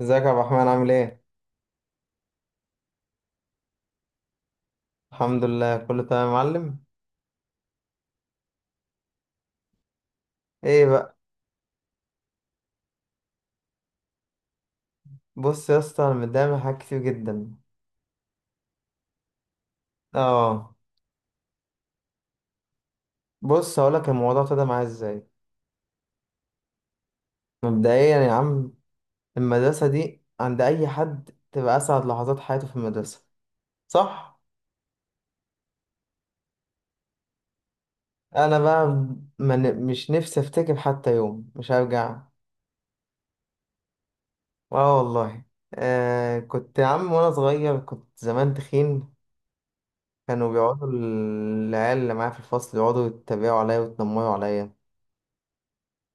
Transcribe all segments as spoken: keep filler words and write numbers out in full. ازيك يا عبد الرحمن عامل ايه؟ الحمد لله كله تمام يا معلم. ايه بقى. بص يا اسطى انا متضايق من حاجات كتير جدا. اه. بص هقولك الموضوع ابتدى معايا ازاي. مبدئيا يا عم، المدرسة دي عند اي حد تبقى اسعد لحظات حياته في المدرسة، صح؟ انا بقى من مش نفسي افتكر حتى يوم، مش هرجع. اه والله. آه، كنت يا عم وانا صغير كنت زمان تخين، كانوا بيقعدوا العيال اللي معايا في الفصل يقعدوا يتريقوا عليا ويتنمروا عليا.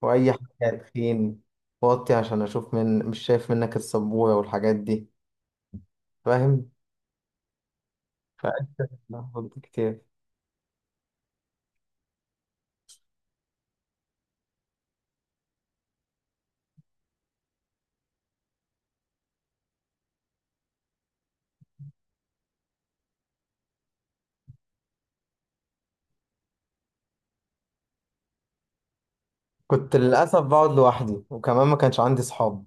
واي، حاجه تخين، وطي عشان اشوف، من مش شايف منك السبوره والحاجات دي، فاهم؟ فقلت كتير. كنت للاسف بقعد لوحدي وكمان ما كانش عندي صحاب.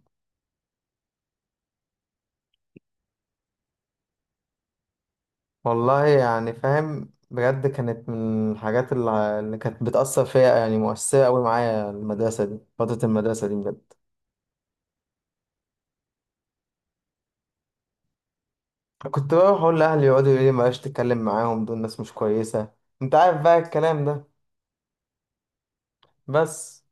والله يعني فاهم بجد، كانت من الحاجات اللي اللي كانت بتاثر فيا، يعني مؤثره قوي معايا المدرسه دي، فتره المدرسه دي بجد. كنت بروح اقول لاهلي، يقعدوا يقولوا لي بلاش تتكلم معاهم، دول ناس مش كويسه، انت عارف بقى الكلام ده. بس.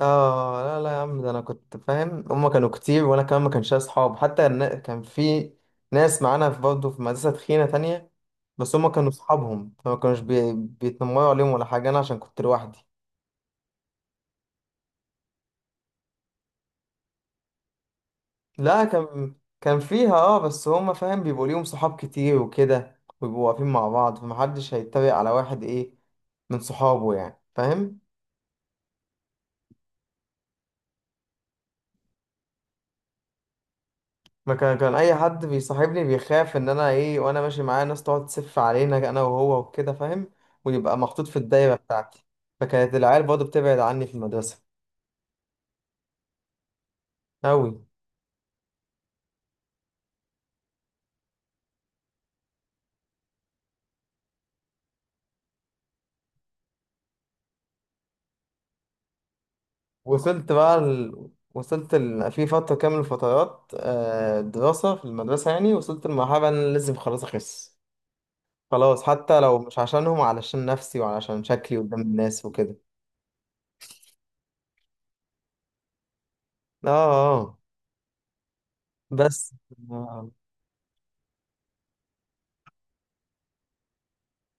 اه، لا لا يا عم، ده انا كنت فاهم هما كانوا كتير وانا كمان ما كانش ليا اصحاب، حتى النا- كان في ناس معانا في برضه في مدرسة تخينة تانية، بس هما كانوا اصحابهم فما كانوش بي... بيتنمروا عليهم ولا حاجة، انا عشان كنت لوحدي. لا، كان كان فيها اه، بس هما فاهم بيبقوا ليهم صحاب كتير وكده ويبقوا واقفين مع بعض، فمحدش هيتريق على واحد، ايه، من صحابه، يعني فاهم. ما كان كان اي حد بيصاحبني بيخاف ان انا ايه، وانا ماشي معاه ناس تقعد تسف علينا انا وهو وكده، فاهم؟ ويبقى محطوط في الدايره بتاعتي. فكانت العيال برضه بتبعد عني في المدرسه. أوي. وصلت بقى ال... وصلت ال... في فتره كامل من الفترات، آه، دراسه في المدرسه يعني، وصلت لمرحله ان انا لازم خلاص اخس، خلاص حتى لو مش عشانهم، علشان نفسي وعلشان شكلي قدام الناس وكده. اه. اه. بس. آه.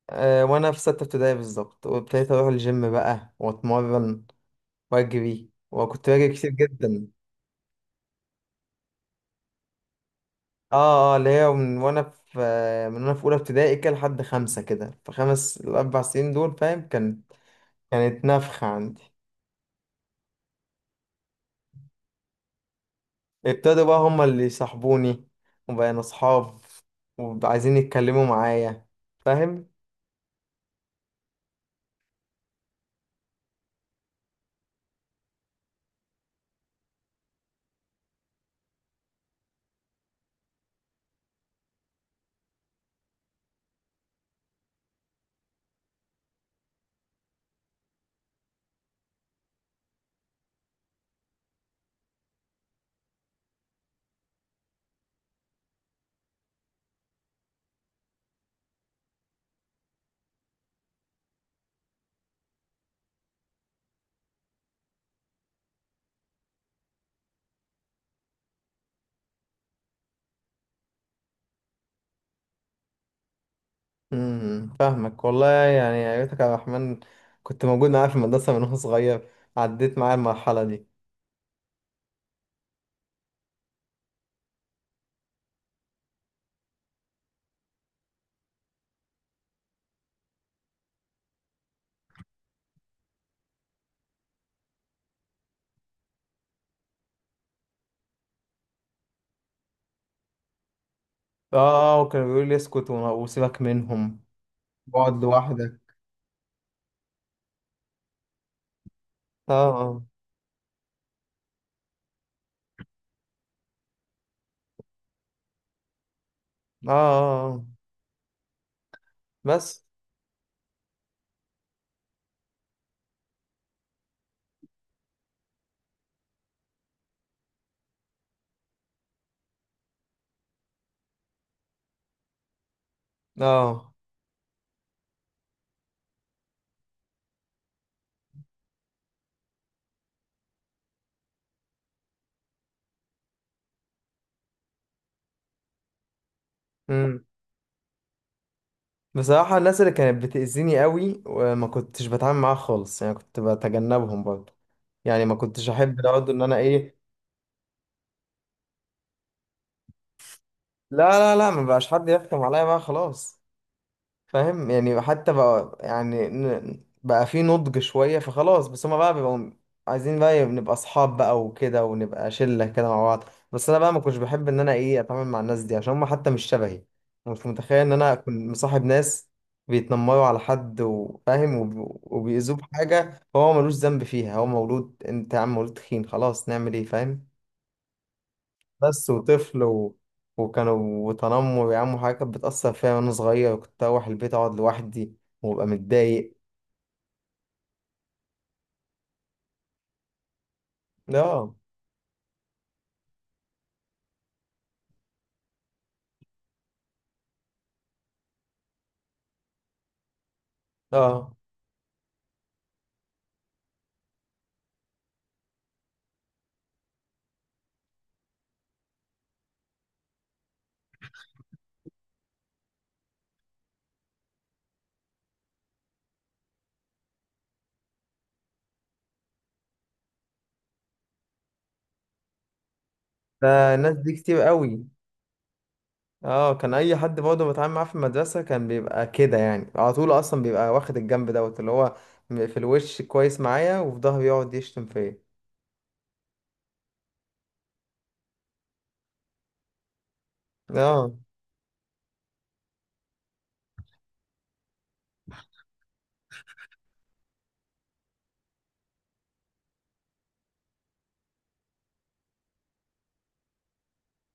آه، وانا في ستة ابتدائي بالظبط، وابتديت اروح الجيم بقى واتمرن واجري وكنت باجري كتير جدا. اه اه، اللي هي من وانا في آه، من وانا في اولى ابتدائي كده لحد خمسة كده، في خمس الاربع سنين دول، فاهم، كان كانت نفخة عندي. ابتدوا بقى هما اللي يصاحبوني، وبقينا اصحاب، وعايزين يتكلموا معايا، فاهم. امم. فاهمك والله، يعني يا ريتك يا عبد الرحمن كنت موجود معايا في المدرسة من وانا صغير، عديت معايا المرحلة دي. اه، وكان بيقول لي اسكت وما- وسيبك منهم واقعد لوحدك. اه اه اه. آه. بس. اه. امم. بصراحة الناس اللي كانت بتأذيني قوي وما كنتش بتعامل معاها خالص، يعني كنت بتجنبهم برضه، يعني ما كنتش احب برضه ان انا ايه. لا لا لا، ما بقاش حد يحكم عليا بقى خلاص، فاهم. يعني حتى بقى يعني ن- بقى في نضج شوية فخلاص، بس هما بقى بيبقوا عايزين بقى نبقى أصحاب بقى وكده، ونبقى شلة كده مع بعض. بس أنا بقى ما كنتش بحب إن أنا إيه أتعامل مع الناس دي، عشان هما حتى مش شبهي، مش متخيل إن أنا أكون مصاحب ناس بيتنمروا على حد وفاهم، وب- وبيأذوه بحاجة هو ملوش ذنب فيها، هو مولود، أنت يا عم مولود تخين خلاص نعمل إيه، فاهم. بس وطفل و... وكانوا، وتنمر يا عم حاجة كانت بتأثر فيا وأنا صغير، كنت أروح البيت أقعد لوحدي وأبقى متضايق. آه. آه. ده الناس دي كتير قوي. آه، كان أي حد برضه بتعامل معاه في المدرسة كان بيبقى كده، يعني على طول أصلا بيبقى واخد الجنب دوت، اللي هو م- في الوش كويس معايا وفي ظهري يقعد يشتم فيا. آه.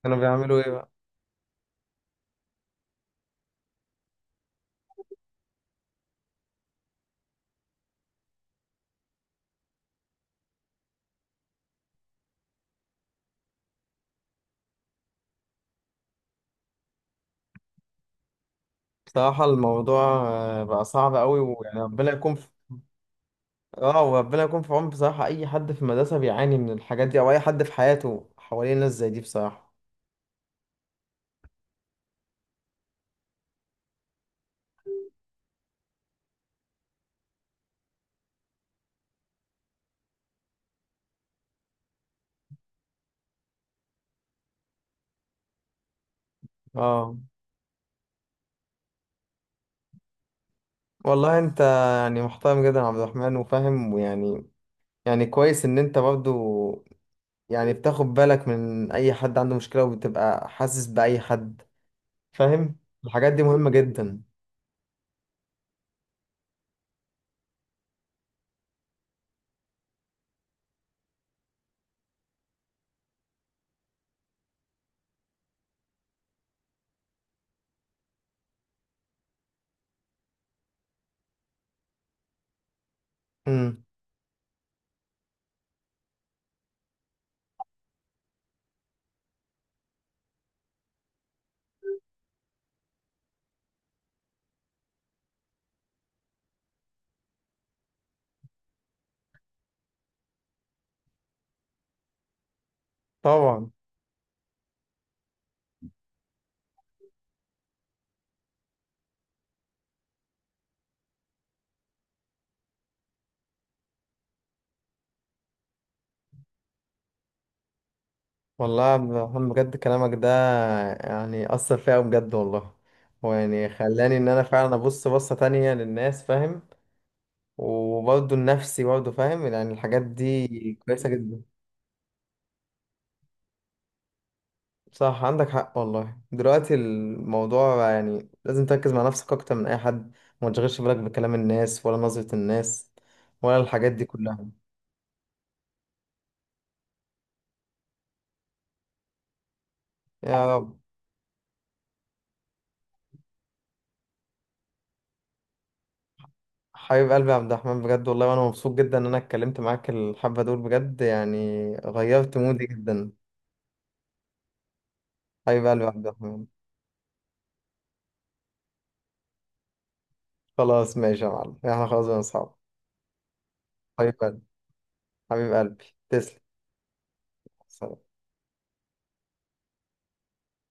كانوا بيعملوا إيه بقى. بصراحة الموضوع آه، بقى صعب قوي، ويعني ربنا يكون في. اه، وربنا يكون في عون، بصراحة أي حد في المدرسة بيعاني من الحاجات دي، أو أي حد في حياته حواليه ناس زي دي، بصراحة. اه، والله أنت يعني محترم جدا يا عبد الرحمن وفاهم ويعني، يعني كويس إن أنت برضو يعني بتاخد بالك من أي حد عنده مشكلة وبتبقى حاسس بأي حد، فاهم. الحاجات دي مهمة جدا. امم. طبعا. والله يا عبد الرحمن بجد كلامك ده يعني أثر فيا أوي بجد والله، ويعني خلاني إن أنا فعلا أبص بصة تانية للناس، فاهم. وبرضه النفسي برضه فاهم، يعني الحاجات دي كويسة جدا. صح، عندك حق والله، دلوقتي الموضوع يعني لازم تركز مع نفسك أكتر من أي حد، وما تشغلش بالك بكلام الناس ولا نظرة الناس ولا الحاجات دي كلها. يا رب. حبيب قلبي يا عبد الرحمن بجد والله، وأنا مبسوط جدا إن أنا اتكلمت معاك الحبة دول بجد، يعني غيرت مودي جدا. حبيب قلبي يا عبد الرحمن. خلاص ماشي يا معلم، احنا خلاص بقينا أصحاب. حبيب قلبي. حبيب قلبي تسلم. سلام.